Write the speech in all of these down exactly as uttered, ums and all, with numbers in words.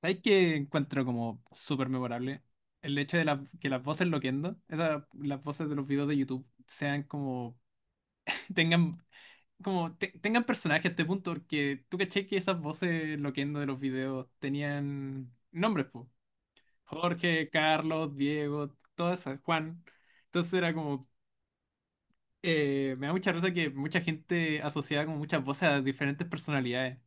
¿Sabes qué encuentro como súper memorable? El hecho de la- que las voces loquendo, esas, las voces de los videos de YouTube, sean como, tengan, como, te- tengan personaje a este punto, porque tú caché que esas voces loquendo de los videos tenían nombres, po. Jorge, Carlos, Diego, todas esas, Juan. Entonces era como, eh, me da mucha risa que mucha gente asociaba como muchas voces a diferentes personalidades.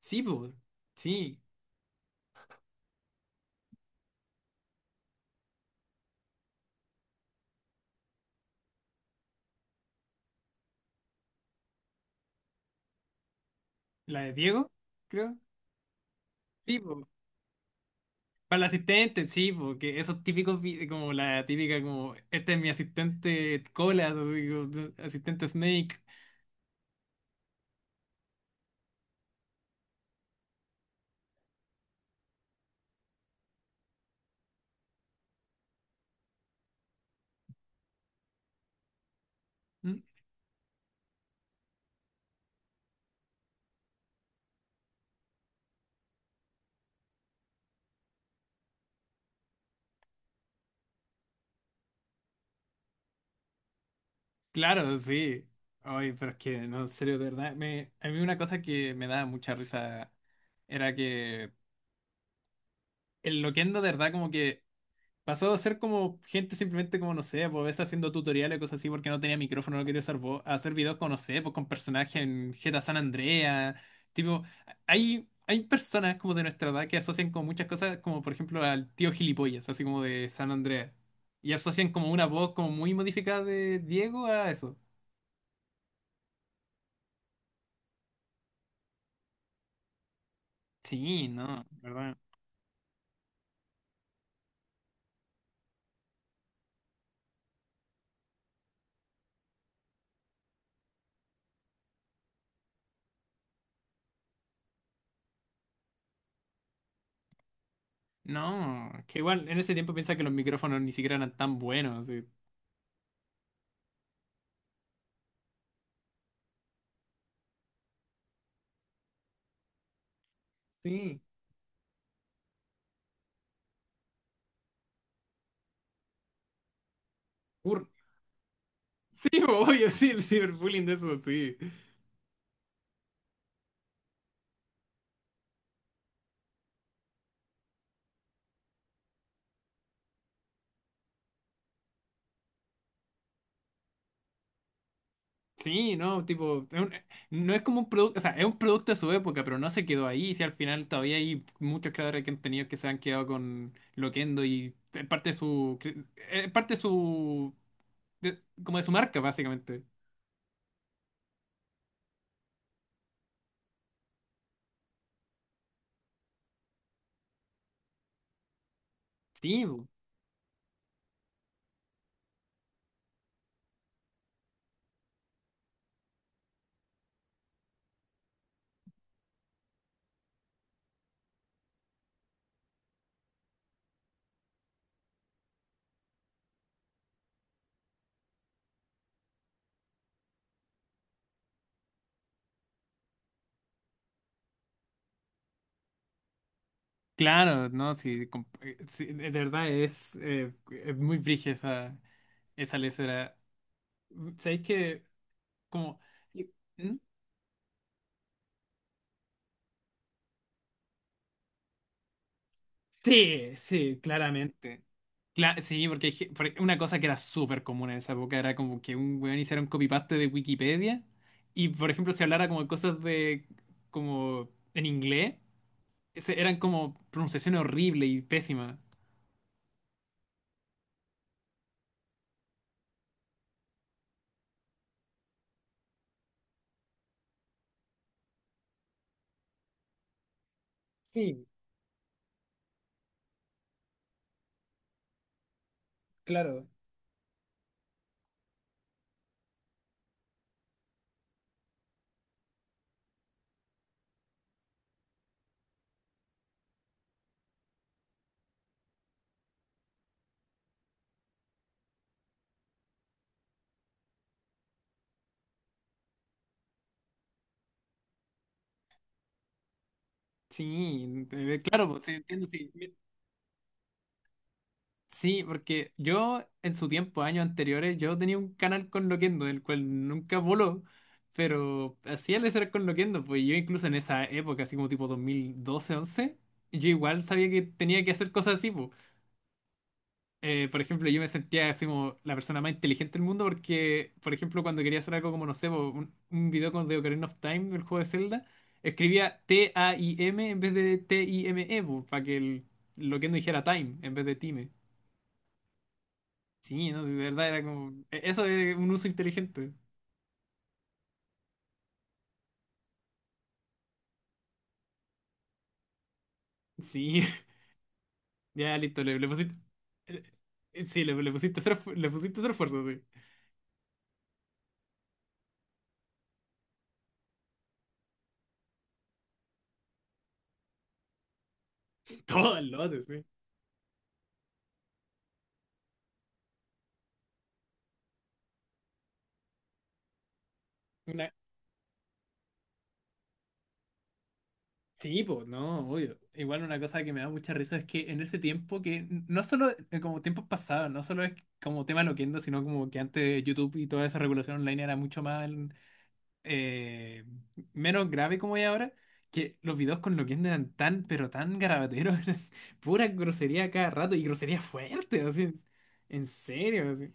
Sí, po, sí. La de Diego, creo. Sí, po. Para el asistente, sí, porque esos típicos, vi- como la típica, como, este es mi asistente colas, así como, asistente Snake. Mm. Claro, sí. Ay, pero es que, no, en serio, de verdad, me, a mí una cosa que me daba mucha risa era que el Loquendo, de verdad, como que pasó a ser como gente simplemente como, no sé, pues haciendo tutoriales, cosas así, porque no tenía micrófono, no quería usar voz, a hacer videos con, no sé, pues con personajes en G T A San Andreas, tipo, hay, hay personas como de nuestra edad que asocian con muchas cosas, como por ejemplo al tío gilipollas, así como de San Andreas, y asocian como una voz como muy modificada de Diego a eso. Sí, no, ¿verdad? No, que igual en ese tiempo piensa que los micrófonos ni siquiera eran tan buenos. Sí, sí. Cur- sí, obvio, sí, el ciberbullying de eso, sí. Sí, no, tipo, es un- no es como un producto, o sea, es un producto de su época, pero no se quedó ahí. Si al final todavía hay muchos creadores que han tenido que se han quedado con Loquendo y es parte de su, cre- es parte de su, de- como de su marca, básicamente. Sí, bu. Claro, no, sí, com- eh, sí, de verdad es, eh, es muy brígida esa, esa lesera. ¿Sabéis que, como, ¿Mm? Sí, sí, claramente. Cla- sí, porque hay ge- por una cosa que era súper común en esa época era como que un weón hiciera un copy-paste de Wikipedia y, por ejemplo, se hablara como de cosas de, como en inglés, ese- eran como pronunciaciones horribles y pésimas. Sí, claro. Sí, eh, claro, pues, sí, entiendo, sí. Sí, porque yo en su tiempo, años anteriores, yo tenía un canal con Loquendo, el cual nunca voló, pero hacía el ser con Loquendo, pues yo incluso en esa época, así como tipo dos mil doce, once, yo igual sabía que tenía que hacer cosas así, po. Eh, por ejemplo, yo me sentía así como la persona más inteligente del mundo porque, por ejemplo, cuando quería hacer algo como, no sé, po, un, un video con The Ocarina of Time, del juego de Zelda, escribía T-A-I-M en vez de T-I-M-E, para que el Loquendo dijera Time en vez de Time. Sí, no sé, de verdad era como. e- Eso era un uso inteligente. Sí, ya listo, le, le pusiste. eh, eh, Sí, le, le pusiste cero, esfu- le pusiste cero esfuerzo, sí. Todo el lote, sí. Una... Sí, pues, no, obvio. Igual una cosa que me da mucha risa es que en ese tiempo que, n- no solo eh, como tiempos pasados, no solo es como tema loquendo, sino como que antes YouTube y toda esa regulación online era mucho más eh, menos grave como es ahora, que los videos con Loquendo eran tan, pero tan garabateros, eran pura grosería cada rato y grosería fuerte, así, en serio, así.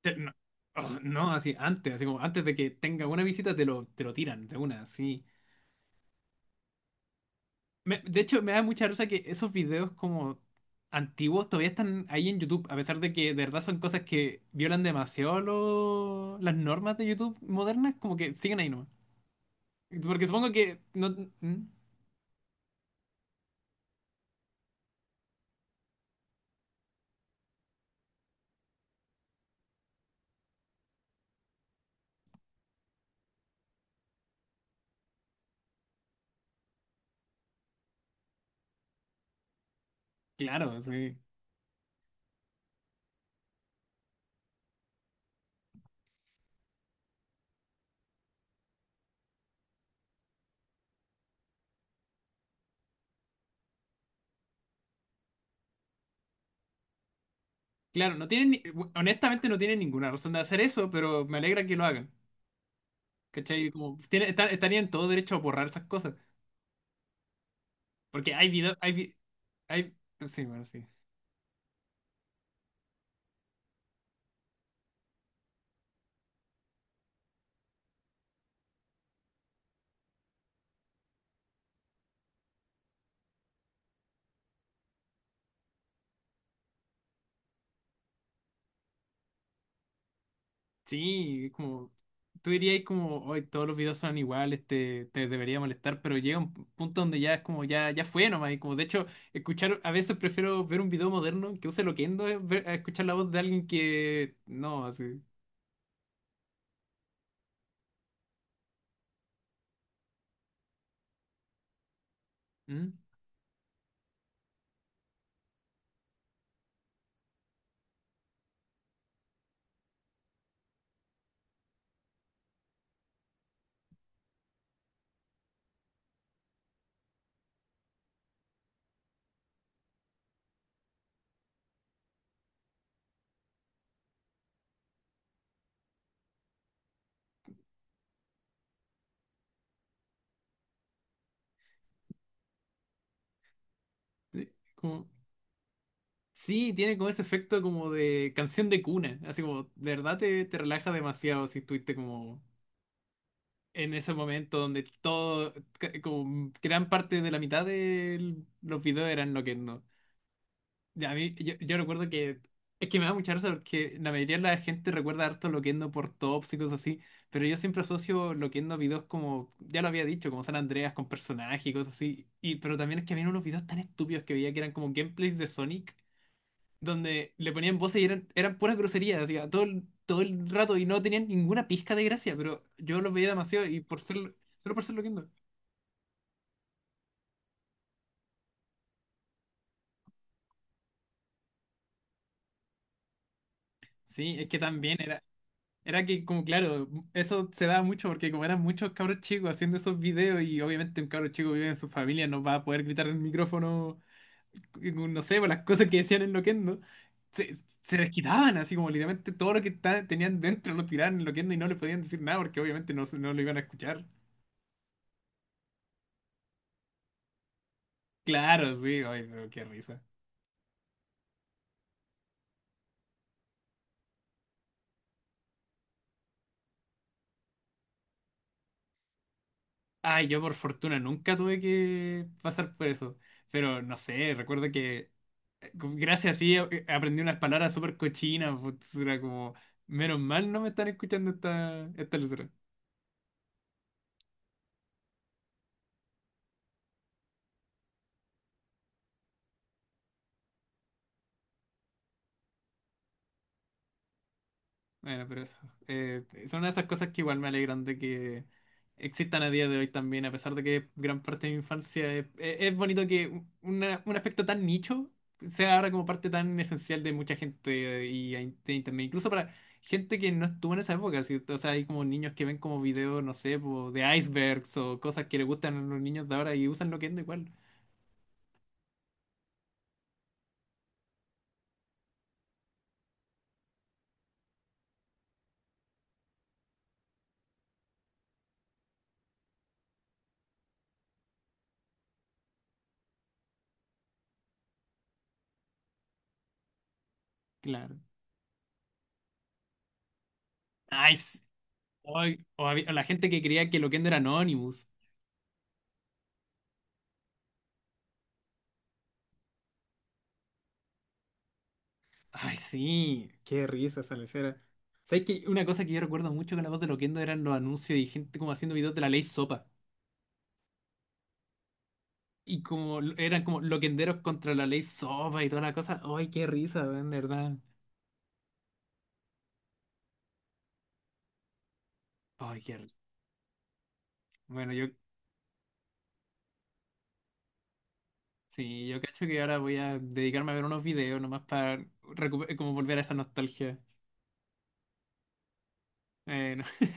Te- no, oh, no, así, antes, así como antes de que tenga una visita te lo, te lo tiran de una, así. Me- de hecho, me da mucha risa que esos videos como antiguos todavía están ahí en YouTube, a pesar de que de verdad son cosas que violan demasiado lo- las normas de YouTube modernas, como que siguen ahí nomás. Porque supongo que no. Claro, sí. Claro, no tienen, ni- honestamente no tienen ninguna razón de hacer eso, pero me alegra que lo hagan. ¿Cachai? Como, tiene- está- estarían todo derecho a borrar esas cosas. Porque hay videos, hay, vi- hay, sí, bueno, sí. Sí, como, tú dirías como, hoy todos los videos son iguales, te, te debería molestar, pero llega un punto donde ya es como, ya, ya fue nomás. Y como, de hecho, escuchar, a veces prefiero ver un video moderno que use Loquendo a ver- a escuchar la voz de alguien que, no, así. ¿Mm? Sí, como... Sí, tiene como ese efecto como de canción de cuna, así como, de verdad te, te relaja demasiado si estuviste como en ese momento donde todo, ca- como gran parte de la mitad de los videos eran Loquendo. Y a mí, yo, yo recuerdo que, es que me da mucha risa porque la mayoría de la gente recuerda harto Loquendo por tops y cosas así, pero yo siempre asocio Loquendo a videos como, ya lo había dicho, como San Andreas con personajes y cosas así, y, pero también es que había unos videos tan estúpidos que veía que eran como gameplays de Sonic donde le ponían voces y eran, eran puras groserías, hacía todo, el- todo el rato y no tenían ninguna pizca de gracia, pero yo los veía demasiado y por ser, solo por ser loquiendo. Sí, es que también era, era que como claro, eso se daba mucho porque como eran muchos cabros chicos haciendo esos videos y obviamente un cabro chico vive en su familia, no va a poder gritar en el micrófono, no sé, por las cosas que decían en loquendo. Se, se les quitaban así como literalmente todo lo que ta- tenían dentro lo tiraban en loquendo y no le podían decir nada porque obviamente no, se- no lo iban a escuchar. Claro, sí, ay, pero qué risa. Ay, yo por fortuna nunca tuve que pasar por eso. Pero no sé, recuerdo que eh, gracias a sí eh, eh, aprendí unas palabras súper cochinas. Pues, era como, menos mal no me están escuchando esta, esta. Bueno, pero eso. Eh, son esas cosas que igual me alegran de que existan a día de hoy también, a pesar de que gran parte de mi infancia es, es- es bonito que un una- un aspecto tan nicho sea ahora como parte tan esencial de mucha gente eh, y a in- de internet, incluso para gente que no estuvo en esa época, ¿sí? O sea, hay como niños que ven como videos, no sé, po, de icebergs o cosas que les gustan a los niños de ahora y usan Loquendo igual. Claro. Nice. O, o había- o la gente que creía que Loquendo era Anonymous. Ay, sí, qué risa esa lesera. ¿Sabes que una cosa que yo recuerdo mucho con la voz de Loquendo eran los anuncios y gente como haciendo videos de la ley Sopa? Y como l- eran como loquenderos contra la ley Sopa y toda la cosa. Ay, qué risa, weón, de verdad. Ay, qué risa. Bueno, yo sí, yo cacho que ahora voy a dedicarme a ver unos videos nomás para recu- como volver a esa nostalgia. Eh,